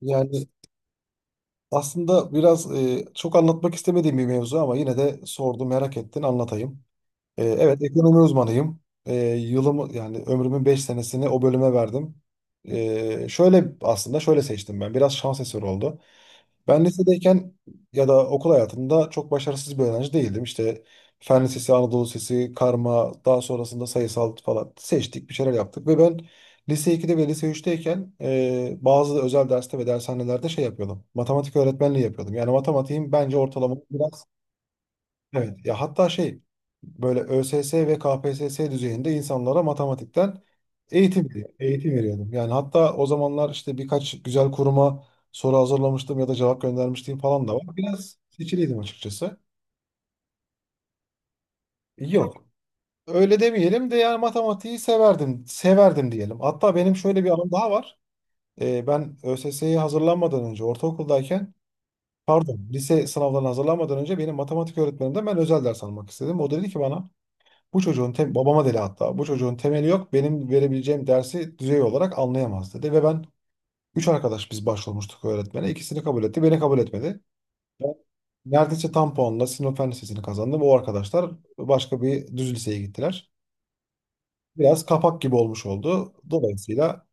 Yani, aslında biraz çok anlatmak istemediğim bir mevzu ama yine de sordu merak ettin, anlatayım. Evet, ekonomi uzmanıyım. Yılımı yani ömrümün 5 senesini o bölüme verdim. E, şöyle aslında şöyle seçtim ben. Biraz şans eseri oldu. Ben lisedeyken ya da okul hayatımda çok başarısız bir öğrenci değildim. İşte Fen Lisesi, Anadolu Lisesi, karma, daha sonrasında sayısal falan seçtik, bir şeyler yaptık. Ve ben lise 2'de ve lise üçteyken bazı özel derste ve dershanelerde yapıyordum. Matematik öğretmenliği yapıyordum. Yani matematiğim bence ortalama biraz. Evet ya, hatta böyle ÖSS ve KPSS düzeyinde insanlara matematikten eğitim veriyordum. Yani hatta o zamanlar işte birkaç güzel kuruma soru hazırlamıştım ya da cevap göndermiştim falan da var. Biraz seçiliydim açıkçası. Yok. Öyle demeyelim de yani severdim diyelim. Hatta benim şöyle bir anım daha var. Ben ÖSS'ye hazırlanmadan önce ortaokuldayken, pardon, lise sınavlarına hazırlanmadan önce benim matematik öğretmenimden ben özel ders almak istedim. O dedi ki bana, Bu çocuğun tem babama dedi hatta, bu çocuğun temeli yok, benim verebileceğim dersi düzey olarak anlayamaz dedi. Ve ben üç arkadaş biz başvurmuştuk öğretmene. İkisini kabul etti, beni kabul etmedi. Ben neredeyse tam puanla Sinop Fen Lisesi'ni kazandım, o arkadaşlar başka bir düz liseye gittiler. Biraz kapak gibi olmuş oldu, dolayısıyla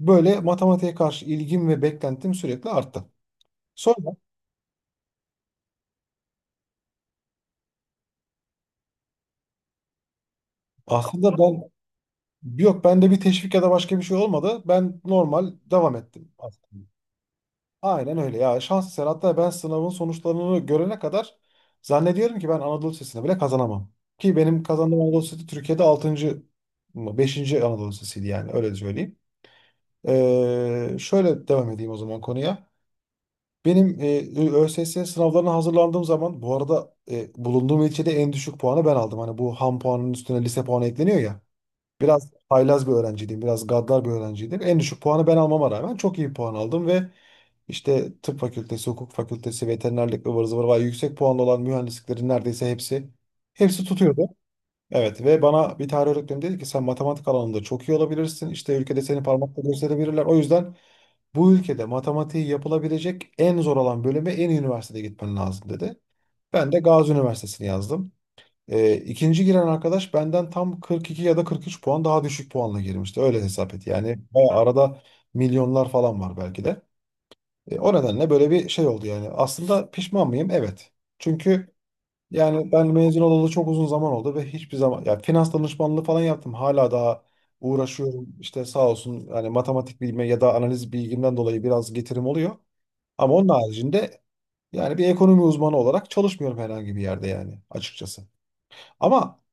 böyle matematiğe karşı ilgim ve beklentim sürekli arttı. Sonra aslında ben yok, bende bir teşvik ya da başka bir şey olmadı, ben normal devam ettim aslında. Aynen öyle ya. Şans eseri, hatta ben sınavın sonuçlarını görene kadar zannediyorum ki ben Anadolu Lisesi'ne bile kazanamam. Ki benim kazandığım Anadolu Lisesi Türkiye'de 6. mı, 5. Anadolu Lisesi'ydi, yani öyle söyleyeyim. Şöyle devam edeyim o zaman konuya. Benim ÖSS sınavlarına hazırlandığım zaman, bu arada, bulunduğum ilçede en düşük puanı ben aldım. Hani bu ham puanının üstüne lise puanı ekleniyor ya. Biraz haylaz bir öğrenciydim. Biraz gaddar bir öğrenciydim. En düşük puanı ben almama rağmen çok iyi puan aldım ve işte tıp fakültesi, hukuk fakültesi, veterinerlik, ıvır zıvır var. Yüksek puanlı olan mühendisliklerin neredeyse hepsi tutuyordu. Evet, ve bana bir tarih öğretmenim dedi ki sen matematik alanında çok iyi olabilirsin. İşte ülkede seni parmakla gösterebilirler. O yüzden bu ülkede matematiği yapılabilecek en zor olan bölüme en iyi üniversitede gitmen lazım dedi. Ben de Gazi Üniversitesi'ni yazdım. İkinci giren arkadaş benden tam 42 ya da 43 puan daha düşük puanla girmişti. Öyle hesap et. Yani bayağı arada milyonlar falan var belki de. O nedenle böyle bir şey oldu yani. Aslında pişman mıyım? Evet. Çünkü yani ben mezun olalı çok uzun zaman oldu ve hiçbir zaman, ya, finans danışmanlığı falan yaptım. Hala daha uğraşıyorum. İşte sağ olsun, yani matematik bilme ya da analiz bilgimden dolayı biraz getirim oluyor. Ama onun haricinde yani bir ekonomi uzmanı olarak çalışmıyorum herhangi bir yerde, yani açıkçası. Ama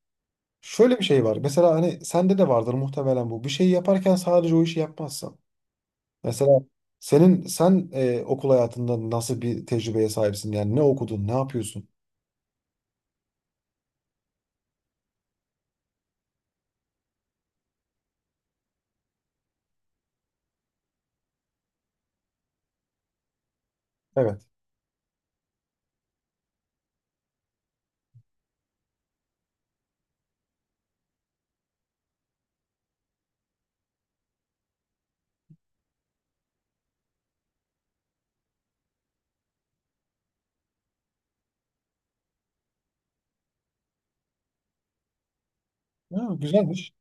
şöyle bir şey var. Mesela hani sende de vardır muhtemelen bu. Bir şey yaparken sadece o işi yapmazsın. Mesela sen okul hayatında nasıl bir tecrübeye sahipsin? Yani ne okudun, ne yapıyorsun? Evet. Ha, güzelmiş.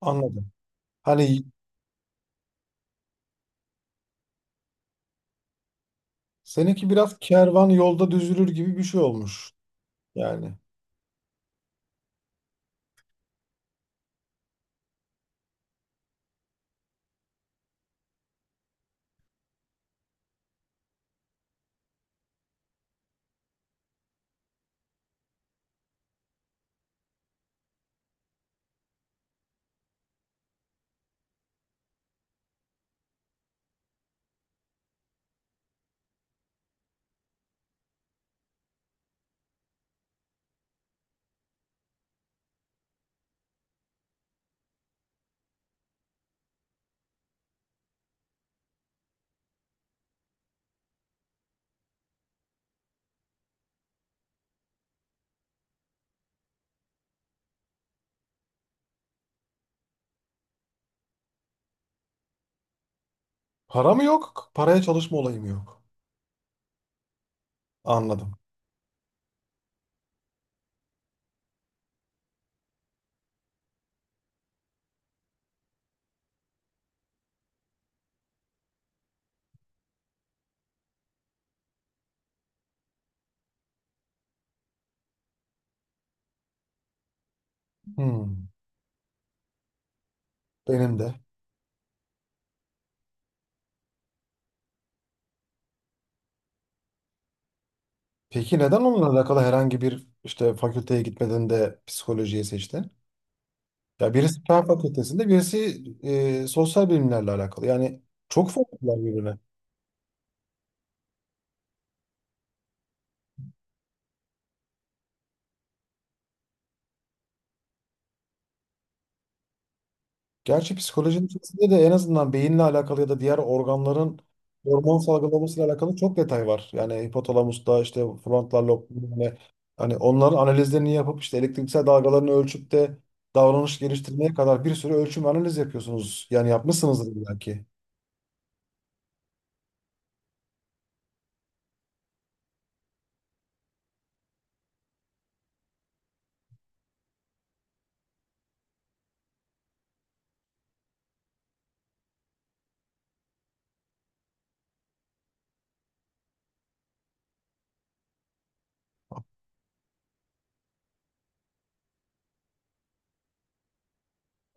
Anladım. Hani seninki biraz kervan yolda düzülür gibi bir şey olmuş. Yani para mı yok? Paraya çalışma olayı mı yok? Anladım. Hmm, benim de. Peki neden onunla alakalı herhangi bir işte fakülteye gitmeden de psikolojiyi seçtin? Ya birisi Fen Fakültesinde, birisi sosyal bilimlerle alakalı. Yani çok farklılar birbirine. Gerçi psikolojinin içerisinde de en azından beyinle alakalı ya da diğer organların hormon salgılamasıyla alakalı çok detay var. Yani hipotalamusta işte frontal lob, yani hani onların analizlerini yapıp işte elektriksel dalgalarını ölçüp de davranış geliştirmeye kadar bir sürü ölçüm analiz yapıyorsunuz. Yani yapmışsınızdır belki.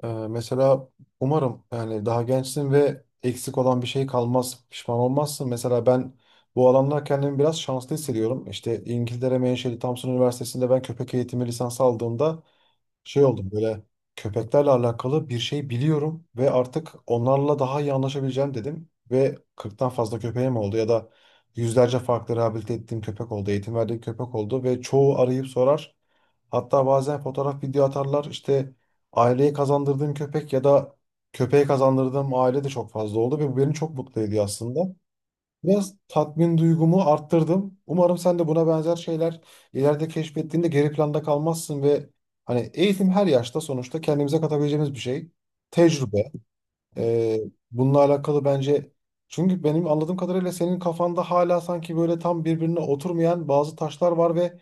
Mesela umarım yani daha gençsin ve eksik olan bir şey kalmaz, pişman olmazsın. Mesela ben bu alanda kendimi biraz şanslı hissediyorum. İşte İngiltere menşeli Thompson Üniversitesi'nde ben köpek eğitimi lisansı aldığımda şey oldum, böyle köpeklerle alakalı bir şey biliyorum ve artık onlarla daha iyi anlaşabileceğim dedim. Ve 40'tan fazla köpeğim oldu ya da yüzlerce farklı rehabilite ettiğim köpek oldu, eğitim verdiğim köpek oldu ve çoğu arayıp sorar. Hatta bazen fotoğraf, video atarlar. İşte aileye kazandırdığım köpek ya da köpeğe kazandırdığım aile de çok fazla oldu ve bu beni çok mutlu ediyor aslında. Biraz tatmin duygumu arttırdım. Umarım sen de buna benzer şeyler ileride keşfettiğinde geri planda kalmazsın ve hani eğitim her yaşta sonuçta kendimize katabileceğimiz bir şey. Tecrübe. Ee, Bununla alakalı bence, çünkü benim anladığım kadarıyla senin kafanda hala sanki böyle tam birbirine oturmayan bazı taşlar var ve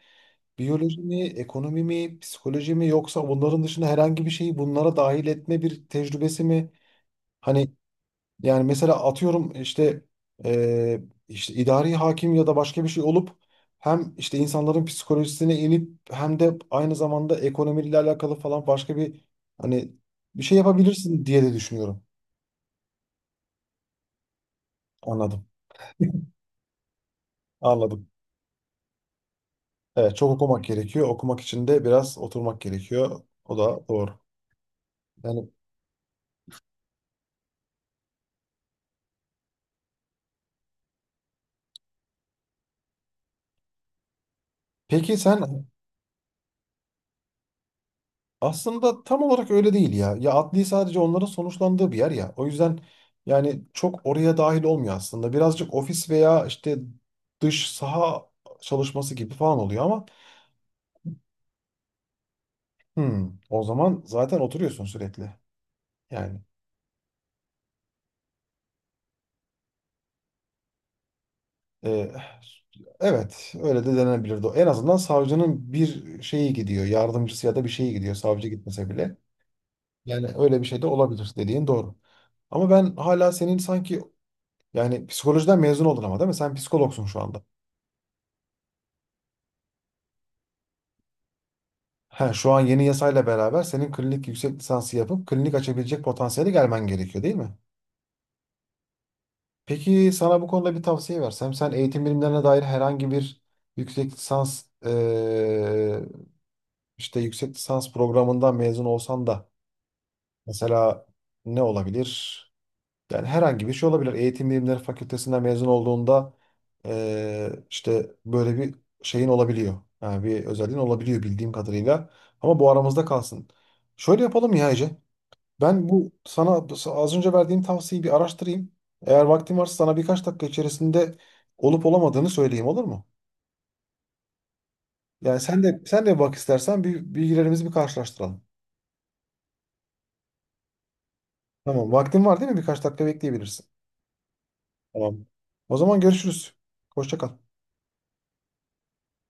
biyoloji mi, ekonomi mi, psikoloji mi, yoksa bunların dışında herhangi bir şeyi bunlara dahil etme bir tecrübesi mi? Hani yani mesela atıyorum işte eee, işte idari hakim ya da başka bir şey olup hem işte insanların psikolojisine inip hem de aynı zamanda ekonomiyle alakalı falan başka bir, hani, bir şey yapabilirsin diye de düşünüyorum. Anladım. Anladım. Evet, çok okumak gerekiyor. Okumak için de biraz oturmak gerekiyor. O da doğru. Yani peki sen. Aslında tam olarak öyle değil ya. Ya adli sadece onların sonuçlandığı bir yer ya. O yüzden yani çok oraya dahil olmuyor aslında. Birazcık ofis veya işte dış saha çalışması gibi falan oluyor ama hmm, o zaman zaten oturuyorsun sürekli. Yani e, evet, öyle de denebilirdi. En azından savcının bir şeyi gidiyor. Yardımcısı ya da bir şeyi gidiyor. Savcı gitmese bile. Yani öyle bir şey de olabilir, dediğin doğru. Ama ben hala senin sanki, yani psikolojiden mezun oldun ama değil mi? Sen psikologsun şu anda. He, şu an yeni yasayla beraber senin klinik yüksek lisansı yapıp klinik açabilecek potansiyeli gelmen gerekiyor değil mi? Peki sana bu konuda bir tavsiye versem, sen eğitim bilimlerine dair herhangi bir yüksek lisans işte yüksek lisans programından mezun olsan da mesela ne olabilir? Yani herhangi bir şey olabilir. Eğitim Bilimleri Fakültesinden mezun olduğunda işte böyle bir şeyin olabiliyor. Yani bir özelliğin olabiliyor bildiğim kadarıyla. Ama bu aramızda kalsın. Şöyle yapalım ya Ece. Ben bu sana az önce verdiğim tavsiyeyi bir araştırayım. Eğer vaktin varsa sana birkaç dakika içerisinde olup olamadığını söyleyeyim, olur mu? Yani sen de bak istersen bir bilgilerimizi bir karşılaştıralım. Tamam, vaktin var değil mi? Birkaç dakika bekleyebilirsin. Tamam. O zaman görüşürüz. Hoşça kal.